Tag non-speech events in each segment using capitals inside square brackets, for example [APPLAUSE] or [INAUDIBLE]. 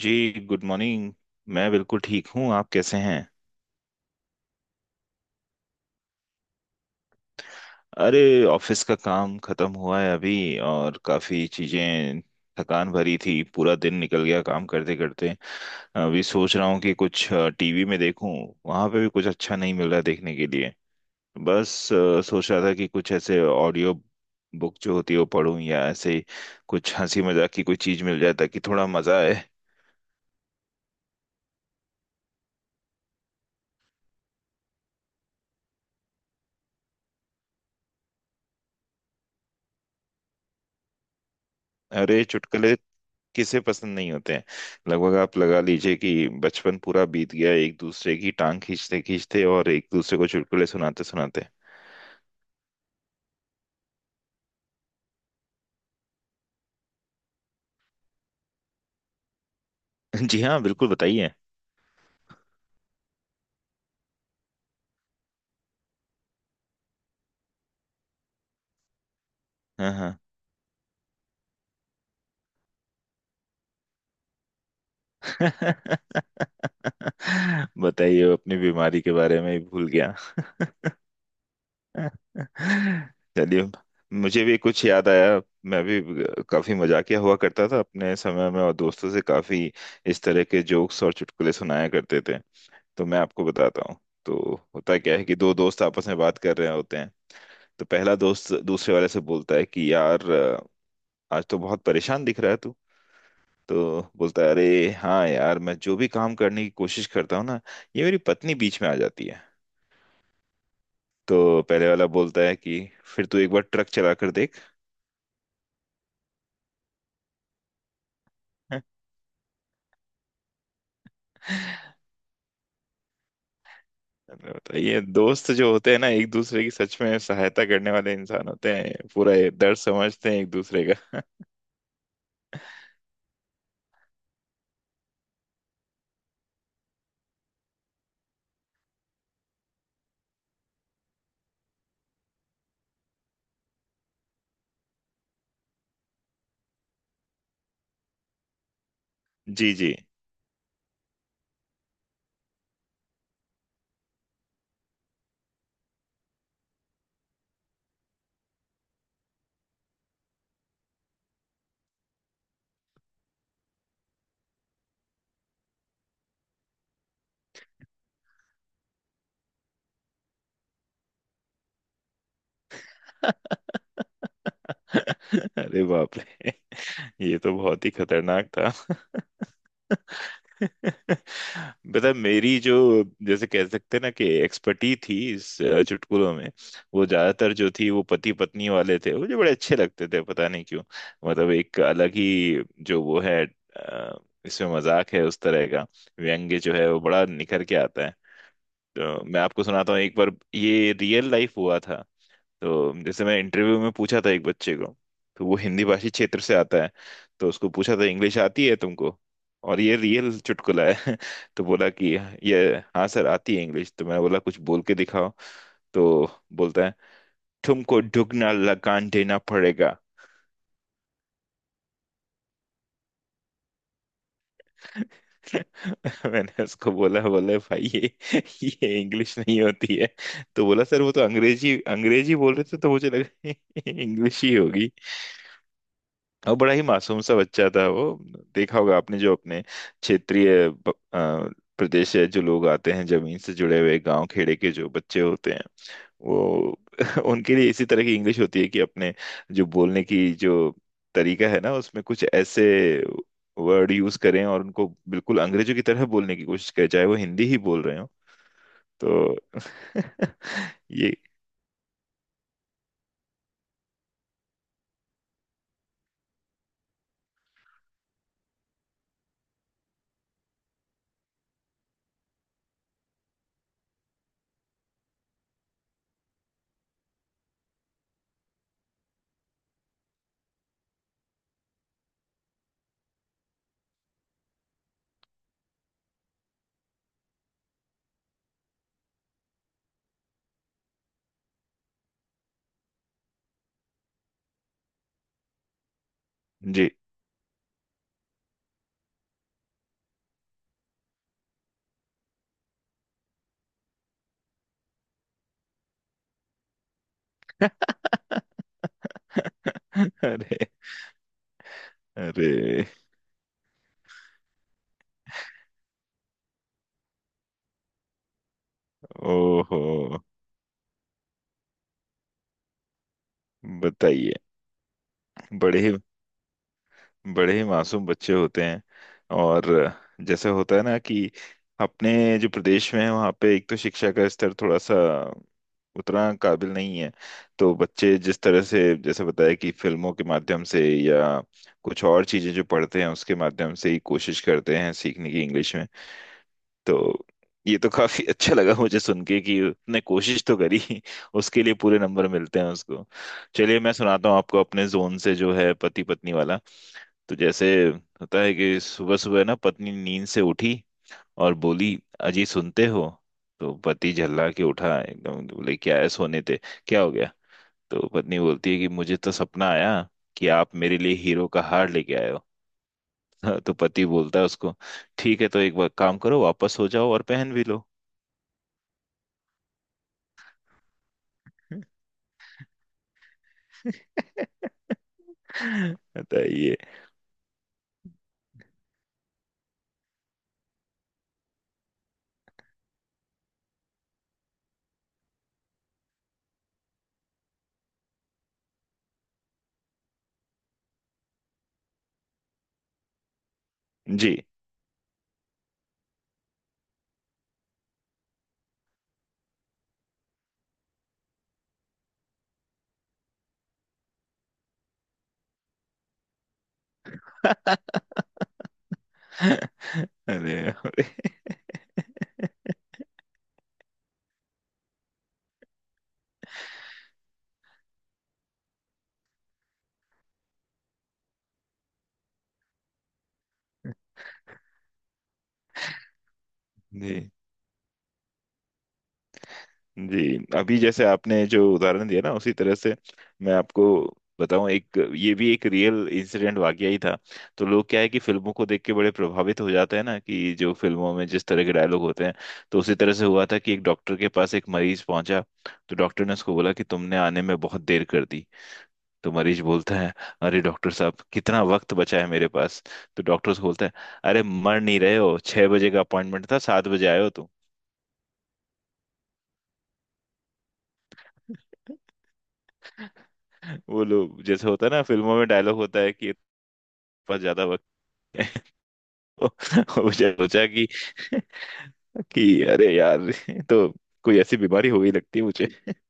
जी, good morning. मैं बिल्कुल ठीक हूँ, आप कैसे हैं? अरे, ऑफिस का काम खत्म हुआ है अभी और काफी चीजें थकान भरी थी, पूरा दिन निकल गया काम करते करते। अभी सोच रहा हूँ कि कुछ टीवी में देखूं, वहां पे भी कुछ अच्छा नहीं मिल रहा है देखने के लिए। बस सोच रहा था कि कुछ ऐसे ऑडियो बुक जो होती है वो पढूं, या ऐसे ही कुछ हंसी मजाक की कोई चीज मिल जाए ताकि थोड़ा मजा आए। अरे, चुटकुले किसे पसंद नहीं होते हैं! लगभग आप लगा लीजिए कि बचपन पूरा बीत गया एक दूसरे की टांग खींचते खींचते और एक दूसरे को चुटकुले सुनाते सुनाते। [LAUGHS] जी हाँ, बिल्कुल बताइए। हाँ हाँ। [LAUGHS] बताइए, वो अपनी बीमारी के बारे में ही भूल गया। [LAUGHS] चलिए, मुझे भी कुछ याद आया। मैं भी काफी मजाकिया हुआ करता था अपने समय में, और दोस्तों से काफी इस तरह के जोक्स और चुटकुले सुनाया करते थे। तो मैं आपको बताता हूँ। तो होता क्या है कि दो दोस्त आपस में बात कर रहे होते हैं। तो पहला दोस्त दूसरे वाले से बोलता है कि यार, आज तो बहुत परेशान दिख रहा है तू। तो बोलता है, अरे हाँ यार, मैं जो भी काम करने की कोशिश करता हूँ ना, ये मेरी पत्नी बीच में आ जाती है। तो पहले वाला बोलता है कि फिर तू एक बार ट्रक चला कर देख। [LAUGHS] हैं? मैंने बताया, ये दोस्त जो होते हैं ना, एक दूसरे की सच में सहायता करने वाले इंसान होते हैं, पूरा ये दर्द समझते हैं एक दूसरे का। जी जी। [LAUGHS] अरे बाप रे, ये तो बहुत ही खतरनाक था। [LAUGHS] पता है, मेरी जो जैसे कह सकते हैं ना कि एक्सपर्टी थी इस चुटकुलों में, वो ज्यादातर जो थी वो पति पत्नी वाले थे। मुझे बड़े अच्छे लगते थे, पता नहीं क्यों। मतलब एक अलग ही जो वो है, इसमें मजाक है उस तरह का, व्यंग्य जो है वो बड़ा निखर के आता है। तो मैं आपको सुनाता हूँ, एक बार ये रियल लाइफ हुआ था। तो जैसे मैं इंटरव्यू में पूछा था एक बच्चे को, तो वो हिंदी भाषी क्षेत्र से आता है। तो उसको पूछा था, इंग्लिश आती है तुमको? और ये रियल चुटकुला है। [LAUGHS] तो बोला कि, ये, हाँ सर आती है इंग्लिश। तो मैं बोला, कुछ बोल के दिखाओ। तो बोलता है, तुमको दुगना लगान देना पड़ेगा। [LAUGHS] मैंने उसको बोला, बोले भाई ये इंग्लिश नहीं होती है। तो बोला, सर वो तो अंग्रेजी अंग्रेजी बोल रहे थे तो मुझे लगा [LAUGHS] इंग्लिश ही होगी। और बड़ा ही मासूम सा बच्चा था वो। देखा होगा आपने, जो अपने क्षेत्रीय प्रदेश है, जो लोग आते हैं जमीन से जुड़े हुए गांव खेड़े के जो बच्चे होते हैं, वो [LAUGHS] उनके लिए इसी तरह की इंग्लिश होती है कि अपने जो बोलने की जो तरीका है ना, उसमें कुछ ऐसे वर्ड यूज करें और उनको बिल्कुल अंग्रेजों की तरह बोलने की कोशिश करें चाहे वो हिंदी ही बोल रहे हो। तो [LAUGHS] ये, जी। अरे अरे। ओहो, बताइए। बड़े ही बड़े ही मासूम बच्चे होते हैं। और जैसे होता है ना कि अपने जो प्रदेश में है, वहाँ पे एक तो शिक्षा का स्तर थोड़ा सा उतना काबिल नहीं है। तो बच्चे जिस तरह से, जैसे बताया कि फिल्मों के माध्यम से या कुछ और चीजें जो पढ़ते हैं, उसके माध्यम से ही कोशिश करते हैं सीखने की इंग्लिश में। तो ये तो काफी [LAUGHS] अच्छा लगा मुझे सुन के कि उसने कोशिश तो करी, उसके लिए पूरे नंबर मिलते हैं उसको। चलिए, मैं सुनाता हूँ आपको अपने जोन से जो है, पति पत्नी वाला। तो जैसे होता है कि सुबह सुबह ना पत्नी नींद से उठी और बोली, अजी सुनते हो। तो पति झल्ला के उठा, एकदम बोले, क्या है, सोने थे, क्या हो गया। तो पत्नी बोलती है कि मुझे तो सपना आया कि आप मेरे लिए हीरो का हार लेके आए हो। [LAUGHS] तो पति बोलता है उसको, ठीक है तो एक बार काम करो, वापस हो जाओ और पहन भी लो। [LAUGHS] बताइए। जी। अरे अरे। जी जी। अभी जैसे आपने जो उदाहरण दिया ना, उसी तरह से मैं आपको बताऊं, एक ये भी एक रियल इंसिडेंट वाकया ही था। तो लोग क्या है कि फिल्मों को देख के बड़े प्रभावित हो जाते हैं ना, कि जो फिल्मों में जिस तरह के डायलॉग होते हैं, तो उसी तरह से हुआ था कि एक डॉक्टर के पास एक मरीज पहुंचा। तो डॉक्टर ने उसको बोला कि तुमने आने में बहुत देर कर दी। तो मरीज बोलता है, अरे डॉक्टर साहब, कितना वक्त बचा है मेरे पास? तो डॉक्टर से बोलता है, अरे मर नहीं रहे हो, छह बजे का अपॉइंटमेंट था, सात बजे आए हो तुम। [LAUGHS] वो लोग, जैसे होता है ना, फिल्मों में डायलॉग होता है कि पास ज्यादा वक्त है, [LAUGHS] तो मुझे सोचा कि अरे यार, तो कोई ऐसी बीमारी हो गई लगती है मुझे। [LAUGHS]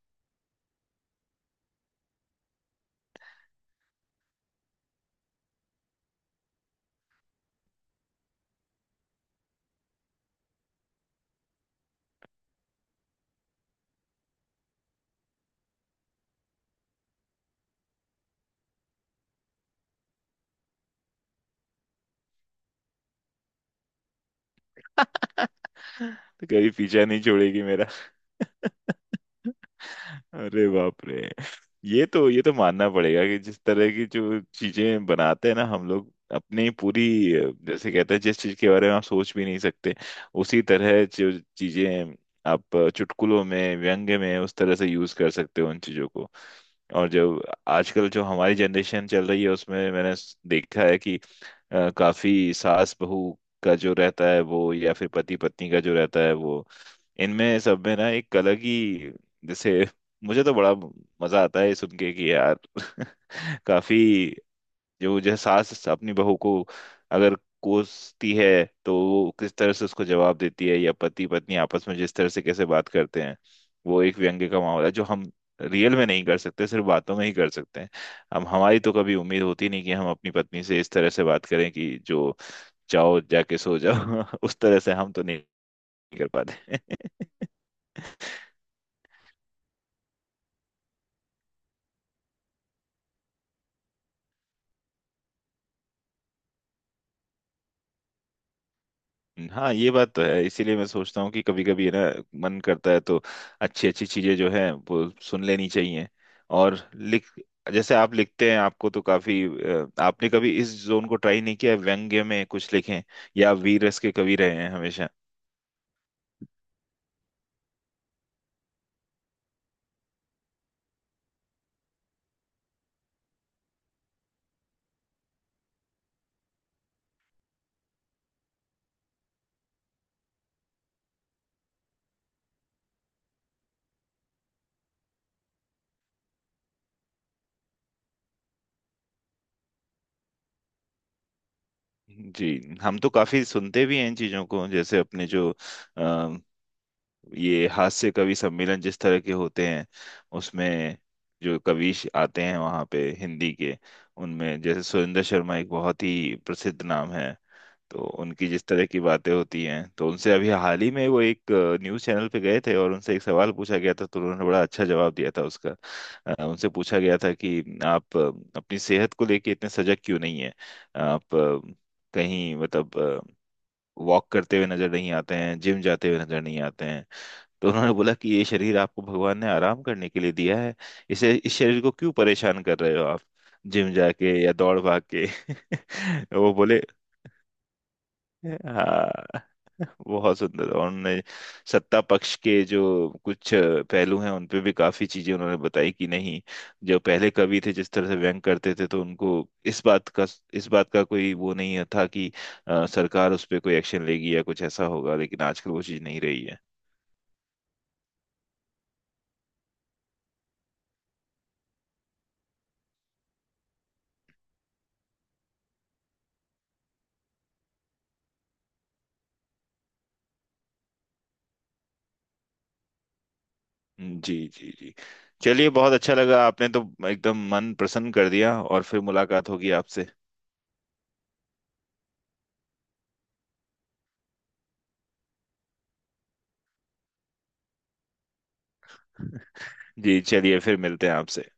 तो कभी पीछा नहीं छोड़ेगी मेरा। [LAUGHS] अरे बाप रे। ये तो मानना पड़ेगा कि जिस तरह की जो चीजें बनाते हैं ना हम लोग अपनी पूरी, जैसे कहते हैं जिस चीज के बारे में आप सोच भी नहीं सकते, उसी तरह जो चीजें आप चुटकुलों में, व्यंग में उस तरह से यूज कर सकते हो उन चीजों को। और जो आजकल जो हमारी जनरेशन चल रही है, उसमें मैंने देखा है कि काफी सास बहू का जो रहता है वो, या फिर पति पत्नी का जो रहता है वो, इनमें सब में ना एक अलग ही जैसे, मुझे तो बड़ा मजा आता है ये सुन के कि यार, [LAUGHS] काफी जो जो सास अपनी बहू को अगर कोसती है तो वो किस तरह से उसको जवाब देती है, या पति पत्नी आपस में जिस तरह से कैसे बात करते हैं। वो एक व्यंग्य का माहौल है जो हम रियल में नहीं कर सकते, सिर्फ बातों में ही कर सकते हैं। हम हमारी तो कभी उम्मीद होती नहीं कि हम अपनी पत्नी से इस तरह से बात करें कि जो, जाओ जाके सो जाओ, [LAUGHS] उस तरह से हम तो नहीं कर पाते। [LAUGHS] हाँ, ये बात तो है, इसीलिए मैं सोचता हूँ कि कभी कभी है ना, मन करता है तो अच्छी अच्छी चीजें जो है वो सुन लेनी चाहिए। और लिख, जैसे आप लिखते हैं, आपको तो काफी, आपने कभी इस जोन को ट्राई नहीं किया है, व्यंग्य में कुछ लिखें, या आप वीर रस के कवि रहे हैं हमेशा? जी, हम तो काफी सुनते भी हैं इन चीजों को, जैसे अपने जो ये हास्य कवि सम्मेलन जिस तरह के होते हैं, उसमें जो कवि आते हैं वहाँ पे हिंदी के, उनमें जैसे सुरेंद्र शर्मा एक बहुत ही प्रसिद्ध नाम है। तो उनकी जिस तरह की बातें होती हैं, तो उनसे अभी हाल ही में, वो एक न्यूज़ चैनल पे गए थे और उनसे एक सवाल पूछा गया था तो उन्होंने बड़ा अच्छा जवाब दिया था उसका। उनसे पूछा गया था कि आप अपनी सेहत को लेके इतने सजग क्यों नहीं है आप कहीं मतलब वॉक करते हुए नजर नहीं आते हैं, जिम जाते हुए नजर नहीं आते हैं। तो उन्होंने बोला कि ये शरीर आपको भगवान ने आराम करने के लिए दिया है, इसे, इस शरीर को क्यों परेशान कर रहे हो आप जिम जाके या दौड़ भाग के? [LAUGHS] वो बोले, हाँ। [LAUGHS] बहुत सुंदर। और उन्होंने सत्ता पक्ष के जो कुछ पहलू हैं उन पे भी काफी चीजें उन्होंने बताई कि नहीं, जो पहले कवि थे जिस तरह से व्यंग करते थे, तो उनको इस बात का इस बात का कोई वो नहीं था कि सरकार उस पर कोई एक्शन लेगी या कुछ ऐसा होगा, लेकिन आजकल वो चीज नहीं रही है। जी जी जी। चलिए, बहुत अच्छा लगा, आपने तो एकदम मन प्रसन्न कर दिया। और फिर मुलाकात होगी आपसे। जी, चलिए, फिर मिलते हैं आपसे।